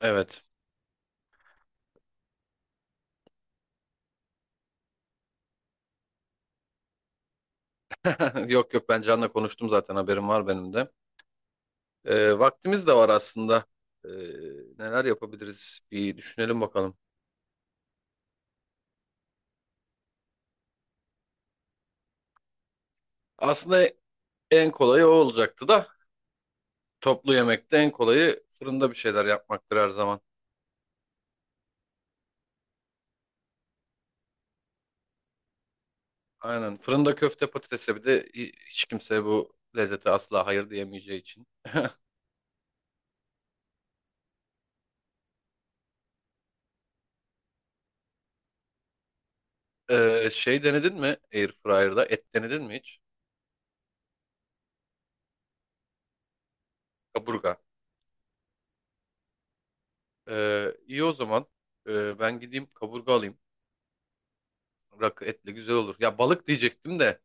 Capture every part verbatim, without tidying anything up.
Evet. Yok yok ben Can'la konuştum zaten haberim var benim de. Ee, vaktimiz de var aslında. Ee, Neler yapabiliriz bir düşünelim bakalım. Aslında en kolayı o olacaktı da toplu yemekte en kolayı fırında bir şeyler yapmaktır her zaman. Aynen, fırında köfte patatese bir de hi- hiç kimse bu lezzete asla hayır diyemeyeceği için. Ee, şey, denedin mi Airfryer'da et denedin mi hiç? Kaburga. Ee, iyi o zaman, Ee, ben gideyim kaburga alayım. Rakı etle güzel olur. Ya balık diyecektim de.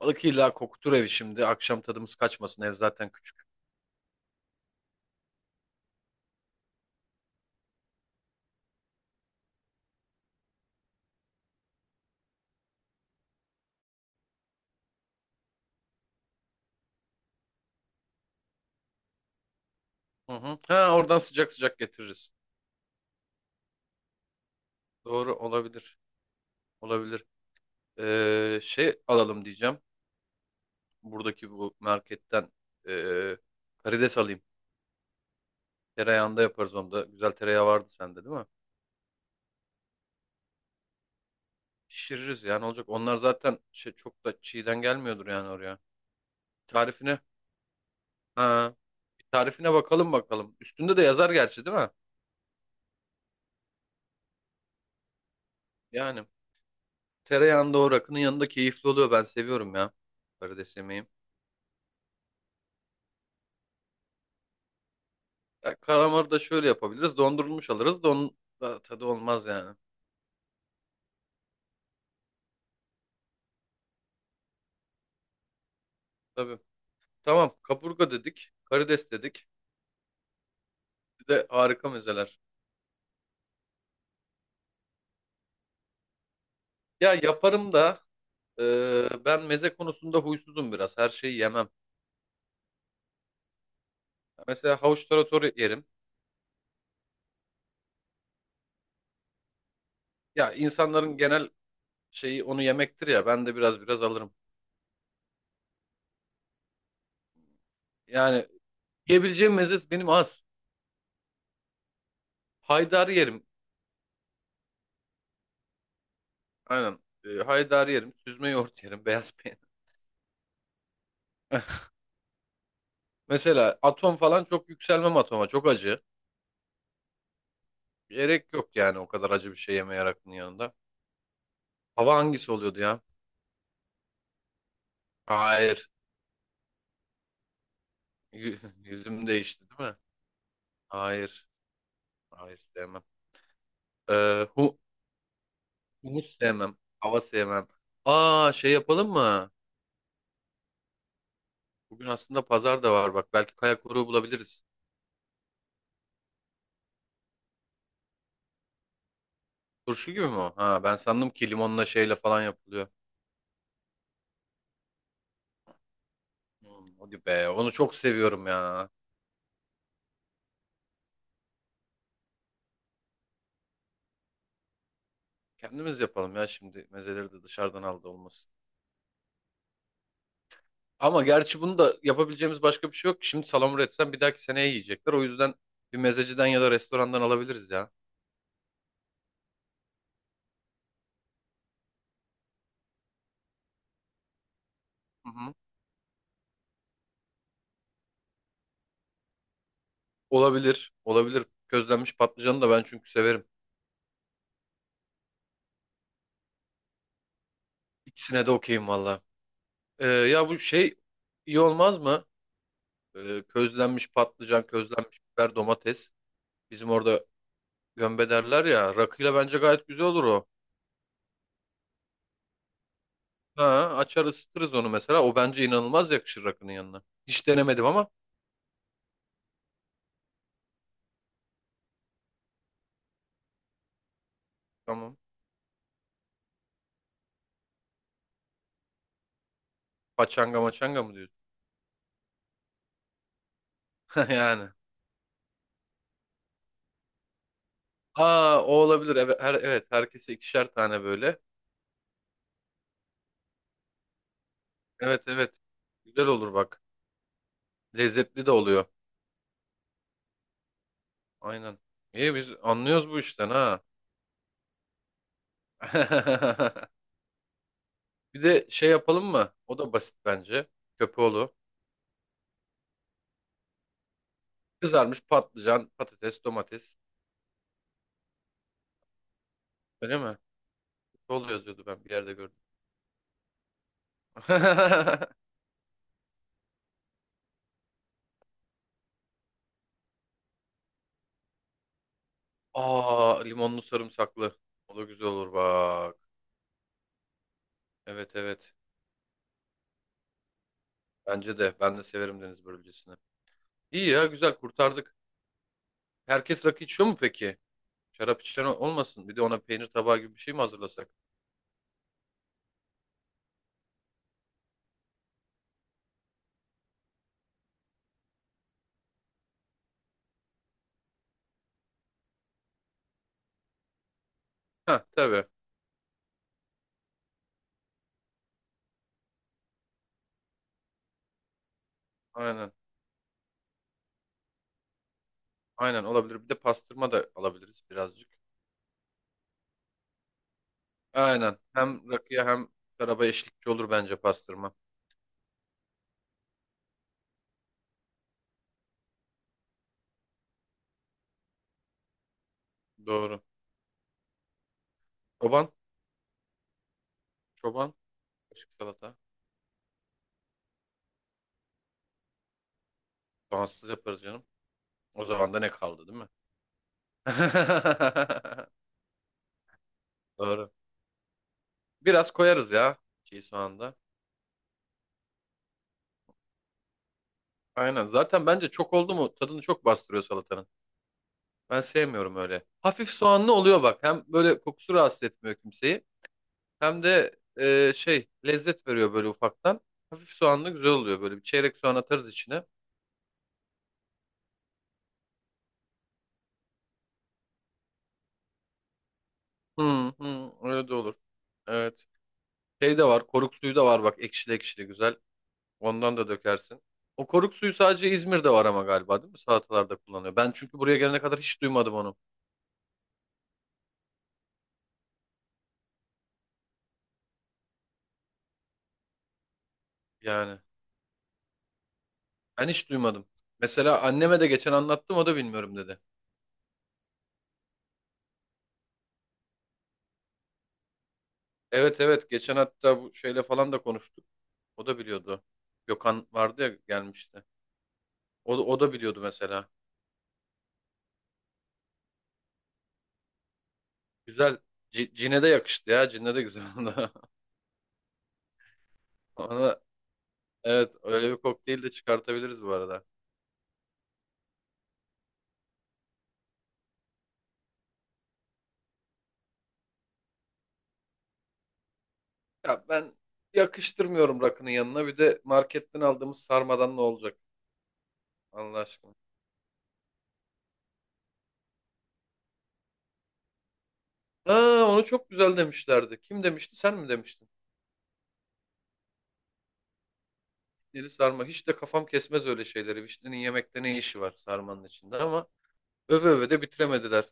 Balık illa kokutur evi şimdi. Akşam tadımız kaçmasın. Ev zaten küçük. Hı hı. Ha, oradan sıcak sıcak getiririz. Doğru olabilir. Olabilir. Ee, şey alalım diyeceğim. Buradaki bu marketten ee, karides alayım. Tereyağında yaparız onu da. Güzel tereyağı vardı sende değil mi? Pişiririz yani, olacak. Onlar zaten şey, çok da çiğden gelmiyordur yani oraya. Tarifine, ha, bir tarifine bakalım bakalım. Üstünde de yazar gerçi değil mi? Yani tereyağında o rakının yanında keyifli oluyor. Ben seviyorum ya, karides yemeği. Ya karamarı da şöyle yapabiliriz. Dondurulmuş alırız. Don da tadı olmaz yani. Tabii. Tamam. Kaburga dedik. Karides dedik. Bir de harika mezeler. Ya yaparım da, e, ben meze konusunda huysuzum biraz. Her şeyi yemem. Mesela havuç tarator yerim. Ya insanların genel şeyi onu yemektir ya. Ben de biraz biraz alırım. Yani yiyebileceğim meze benim az. Haydari yerim. Aynen. E, haydari yerim. Süzme yoğurt yerim. Beyaz peynir. Mesela atom falan çok yükselmem atoma. Çok acı. Gerek yok yani o kadar acı bir şey yeme yarakının yanında. Hava hangisi oluyordu ya? Hayır. Yü- Yüzüm değişti değil mi? Hayır. Hayır, sevmem. Ee, hu- Humus sevmem. Hava sevmem. Aa, şey yapalım mı? Bugün aslında pazar da var bak. Belki kaya koruğu bulabiliriz. Turşu gibi mi o? Ha, ben sandım ki limonla şeyle falan yapılıyor. Hmm, hadi be. Onu çok seviyorum ya. Kendimiz yapalım ya şimdi. Mezeleri de dışarıdan aldı olmasın. Ama gerçi bunu da yapabileceğimiz başka bir şey yok ki. Şimdi salamura etsem bir dahaki seneye yiyecekler. O yüzden bir mezeciden ya da restorandan alabiliriz ya. Hı hı. Olabilir. Olabilir. Közlenmiş patlıcanı da ben çünkü severim. İkisine de okeyim valla. Ee, ya bu şey, iyi olmaz mı? Ee, közlenmiş patlıcan, közlenmiş biber, domates. Bizim orada gömbe derler ya. Rakıyla bence gayet güzel olur o. Ha, açar ısıtırız onu mesela. O bence inanılmaz yakışır rakının yanına. Hiç denemedim ama. Tamam. Paçanga maçanga mı diyorsun? Yani. Aa, o olabilir. Evet, her, evet, herkese ikişer tane böyle. Evet, evet. Güzel olur bak. Lezzetli de oluyor. Aynen. İyi, biz anlıyoruz bu işten ha. Bir de şey yapalım mı? O da basit bence. Köpoğlu. Kızarmış patlıcan, patates, domates. Öyle mi? Köpoğlu yazıyordu, ben bir yerde gördüm. Aa, limonlu sarımsaklı. O da güzel olur bak. Evet, evet. Bence de. Ben de severim deniz börülcesini. İyi ya, güzel kurtardık. Herkes rakı içiyor mu peki? Şarap içen ol- olmasın. Bir de ona peynir tabağı gibi bir şey mi hazırlasak? Heh, tabii. Aynen. Aynen, olabilir. Bir de pastırma da alabiliriz birazcık. Aynen. Hem rakıya hem şaraba eşlikçi olur bence pastırma. Doğru. Çoban. Çoban. Kaşık salata. Soğansız yaparız canım. O zaman da ne kaldı değil mi? Doğru. Biraz koyarız ya çiğ soğanda. Aynen. Zaten bence çok oldu mu tadını çok bastırıyor salatanın. Ben sevmiyorum öyle. Hafif soğanlı oluyor bak. Hem böyle kokusu rahatsız etmiyor kimseyi. Hem de e, şey, lezzet veriyor böyle ufaktan. Hafif soğanlı güzel oluyor böyle. Bir çeyrek soğan atarız içine. Hı hı, öyle de olur. Evet. Şey de var. Koruk suyu da var bak, ekşili ekşili güzel. Ondan da dökersin. O koruk suyu sadece İzmir'de var ama galiba değil mi? Salatalarda kullanıyor. Ben çünkü buraya gelene kadar hiç duymadım onu. Yani ben hiç duymadım. Mesela anneme de geçen anlattım, o da bilmiyorum dedi. Evet, evet, geçen hatta bu şeyle falan da konuştuk. O da biliyordu. Gökhan vardı ya, gelmişti. O, da- o da biliyordu mesela. Güzel. C- Cine de yakıştı ya. Cine de güzel oldu. Onu, evet, öyle bir kokteyl de çıkartabiliriz bu arada. Ya ben yakıştırmıyorum rakının yanına. Bir de marketten aldığımız sarmadan ne olacak? Allah aşkına. Aa, onu çok güzel demişlerdi. Kim demişti? Sen mi demiştin? Dili sarma. Hiç de kafam kesmez öyle şeyleri. Vişnenin yemekte ne işi var sarmanın içinde ama öve öve de bitiremediler.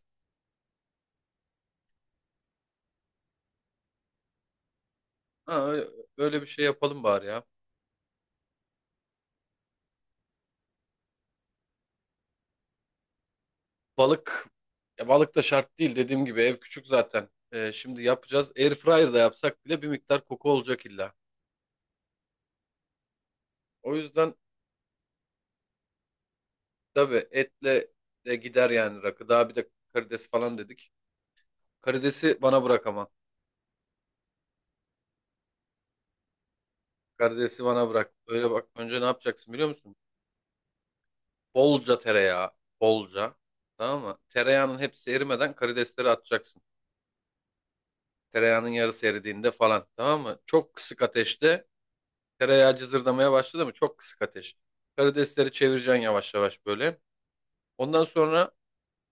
Ha, öyle, öyle bir şey yapalım bari ya. Balık, ya balık da şart değil, dediğim gibi ev küçük zaten. Ee, şimdi yapacağız. Airfryer'da yapsak bile bir miktar koku olacak illa. O yüzden, tabii, etle de gider yani rakı. Daha bir de karides falan dedik. Karidesi bana bırak ama. Karidesi bana bırak. Öyle bak, önce ne yapacaksın biliyor musun? Bolca tereyağı. Bolca. Tamam mı? Tereyağının hepsi erimeden karidesleri atacaksın. Tereyağının yarısı eridiğinde falan. Tamam mı? Çok kısık ateşte. Tereyağı cızırdamaya başladı mı? Çok kısık ateş. Karidesleri çevireceksin yavaş yavaş böyle. Ondan sonra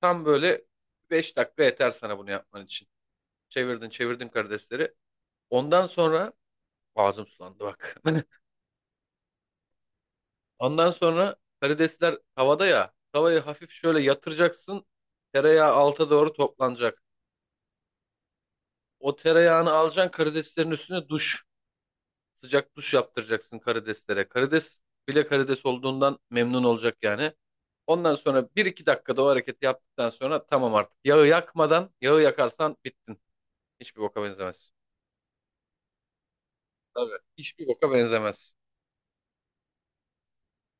tam böyle beş dakika yeter sana bunu yapman için. Çevirdin çevirdin karidesleri. Ondan sonra, ağzım sulandı bak. Ondan sonra karidesler havada ya. Tavayı hafif şöyle yatıracaksın. Tereyağı alta doğru toplanacak. O tereyağını alacaksın karideslerin üstüne, duş. Sıcak duş yaptıracaksın karideslere. Karides bile karides olduğundan memnun olacak yani. Ondan sonra bir iki dakikada o hareketi yaptıktan sonra tamam artık. Yağı yakmadan, yağı yakarsan bittin. Hiçbir boka benzemez. Tabii. Hiçbir boka benzemez.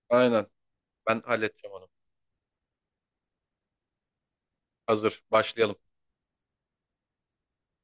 Aynen. Ben halledeceğim onu. Hazır. Başlayalım.